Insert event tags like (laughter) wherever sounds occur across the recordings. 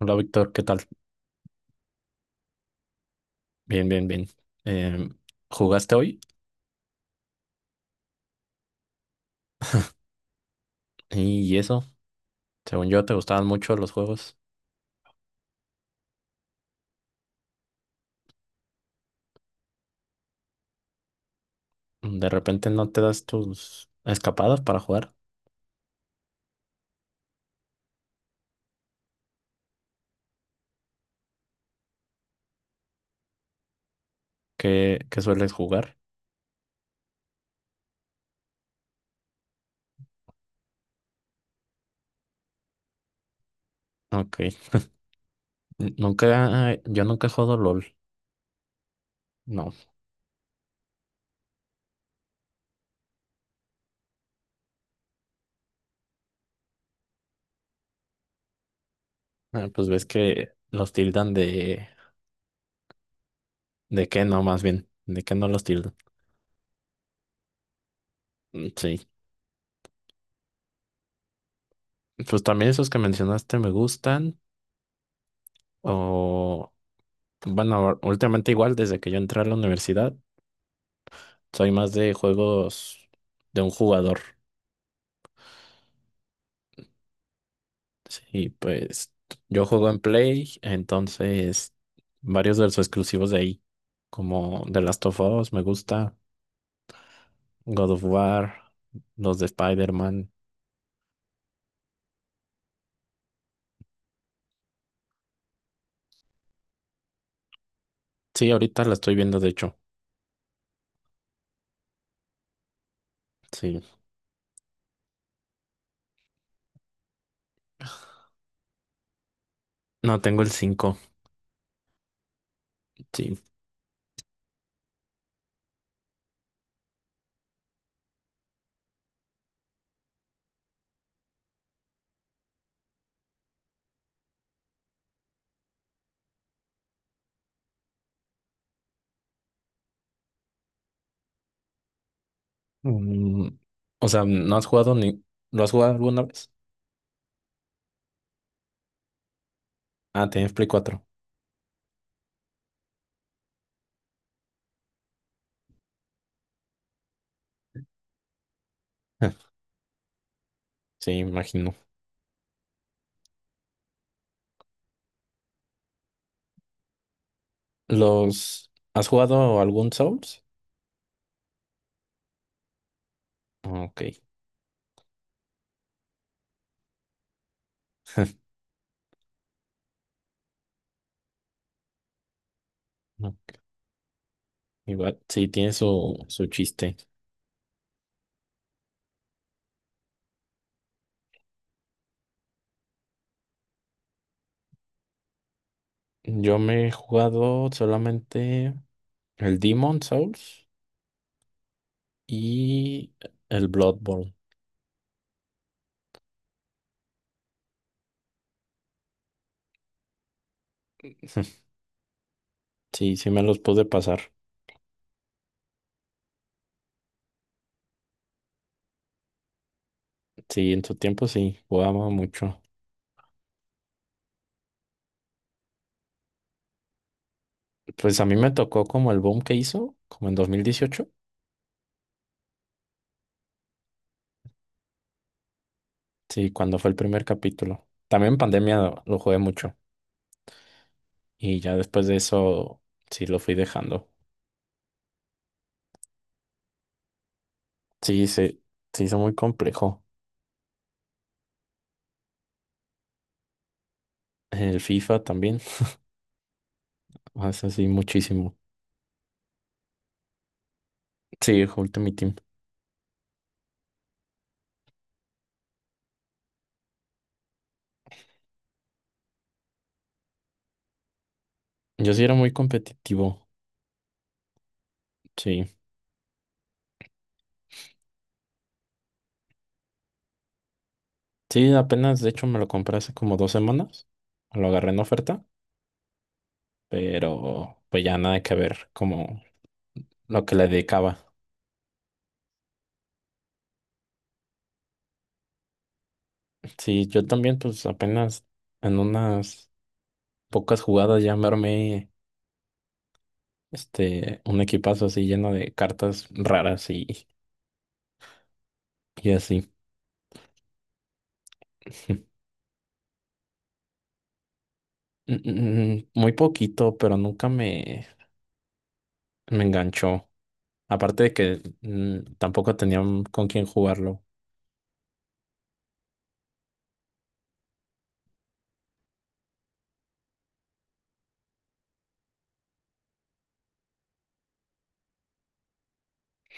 Hola Víctor, ¿qué tal? Bien, bien, bien. Em, ¿Jugaste hoy? Y eso, según yo, te gustaban mucho los juegos. De repente no te das tus escapadas para jugar. ¿Qué sueles jugar? Ok. N- Nunca, Yo nunca he jugado LOL. No. Ah, pues ves que los tildan de... ¿De qué no, más bien? ¿De qué no los tildan? Mm, sí. Pues también esos que mencionaste me gustan. O... Bueno, últimamente igual desde que yo entré a la universidad. Soy más de juegos de un jugador. Sí, pues yo juego en Play, entonces varios de los exclusivos de ahí, como The Last of Us, me gusta, God of War, los de Spider-Man. Sí, ahorita la estoy viendo, de hecho. Sí, no tengo el cinco. Sí. Mm, o sea, ¿no has jugado ni... ¿Lo has jugado alguna vez? Ah, tienes Play 4. (laughs) Sí, imagino. ¿Los... ¿Has jugado algún Souls? Ok. (laughs) Igual, sí, tiene su chiste. Yo me he jugado solamente el Demon Souls y el Bloodborne. (laughs) Sí, sí me los pude pasar. Sí, en su tiempo sí, jugaba mucho. Pues a mí me tocó como el boom que hizo, como en 2018. Sí, cuando fue el primer capítulo. También en pandemia lo jugué mucho. Y ya después de eso, sí lo fui dejando. Sí, se hizo muy complejo. El FIFA también, (laughs) hace así muchísimo. Sí, Ultimate Team. Yo sí era muy competitivo, sí. Sí, apenas, de hecho, me lo compré hace como 2 semanas. Lo agarré en oferta, pero pues ya nada que ver como lo que le dedicaba. Sí, yo también, pues apenas en unas pocas jugadas ya me armé este, un equipazo así lleno de cartas raras y así. (laughs) Muy poquito, pero nunca me enganchó. Aparte de que tampoco tenía con quién jugarlo.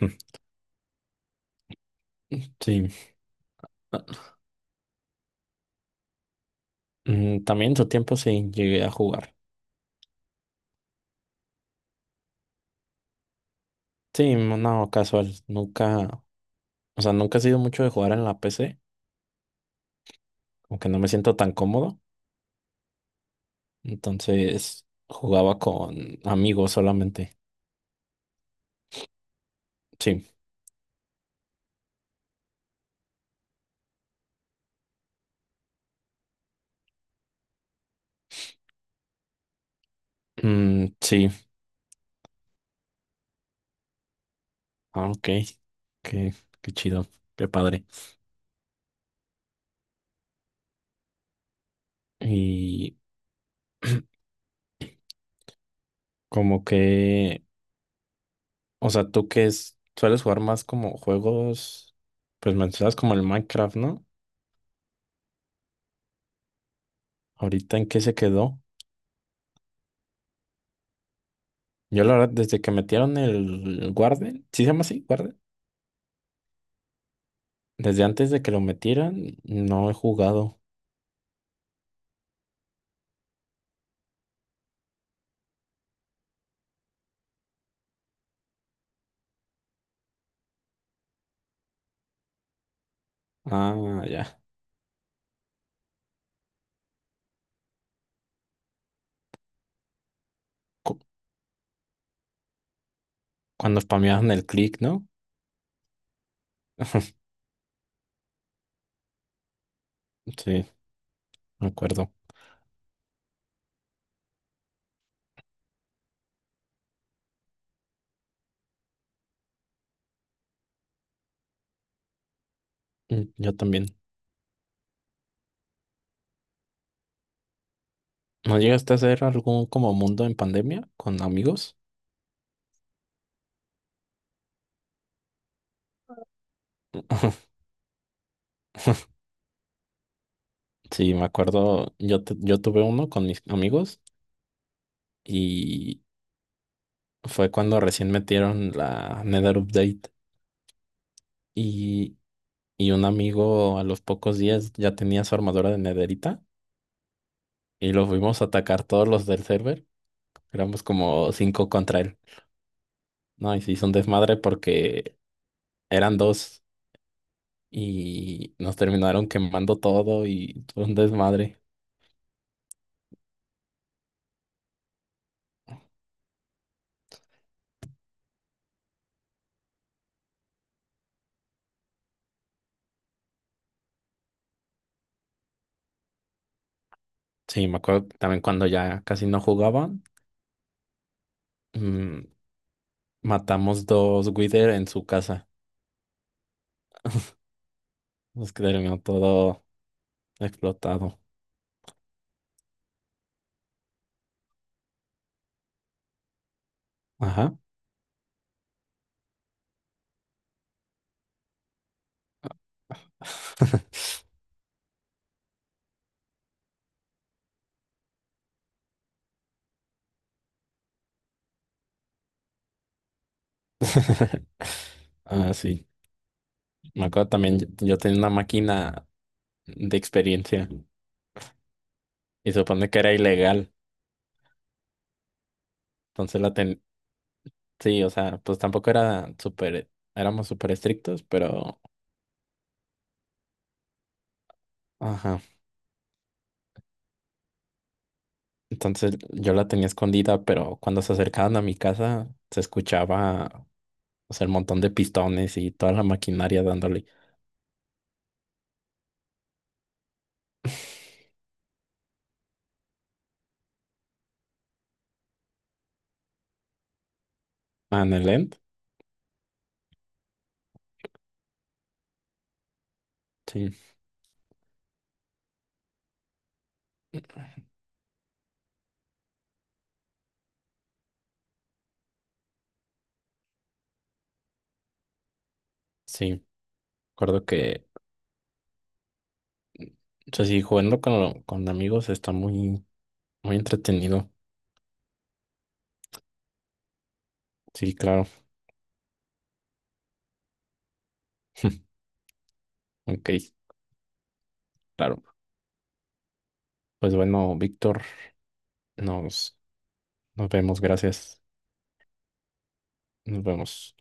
(laughs) Sí. También en su tiempo sí llegué a jugar. Sí, no, no, casual. Nunca, o sea, nunca he sido mucho de jugar en la PC, aunque no me siento tan cómodo. Entonces jugaba con amigos solamente. Sí, mm, sí, ah, ok, qué, qué chido, qué padre. Y como que, o sea, tú que es, sueles jugar más como juegos, pues mencionas como el Minecraft, ¿no? Ahorita en qué se quedó. Yo la verdad, desde que metieron el Guardian, ¿sí se llama así? Desde antes de que lo metieran, no he jugado. Ah, ya. Cu- cuando spameaban el click, ¿no? Sí, me acuerdo. Yo también. ¿No llegaste a hacer algún como mundo en pandemia con amigos? (laughs) Sí, me acuerdo. Yo tuve uno con mis amigos y fue cuando recién metieron la Nether Update y, y un amigo a los pocos días ya tenía su armadura de nederita y lo fuimos a atacar todos los del server. Éramos como cinco contra él. No, y se hizo un desmadre porque eran dos y nos terminaron quemando todo y fue un desmadre. Sí, me acuerdo que también cuando ya casi no jugaban, mm, matamos dos Wither en su casa. Nos que terminó todo explotado. Ajá. (laughs) Ah, sí. Me acuerdo también, yo tenía una máquina de experiencia y se supone que era ilegal. Entonces la ten... Sí, o sea, pues tampoco era súper, éramos súper estrictos, pero... Ajá. Entonces yo la tenía escondida, pero cuando se acercaban a mi casa se escuchaba, o sea, el montón de pistones y toda la maquinaria dándole. (laughs) Ah, en el end. Sí, sí. Recuerdo que, o sea, sí, jugando con, amigos está muy, muy entretenido. Sí, claro. (laughs) Ok, claro. Pues bueno, Víctor, nos, nos vemos. Gracias. Nos vemos.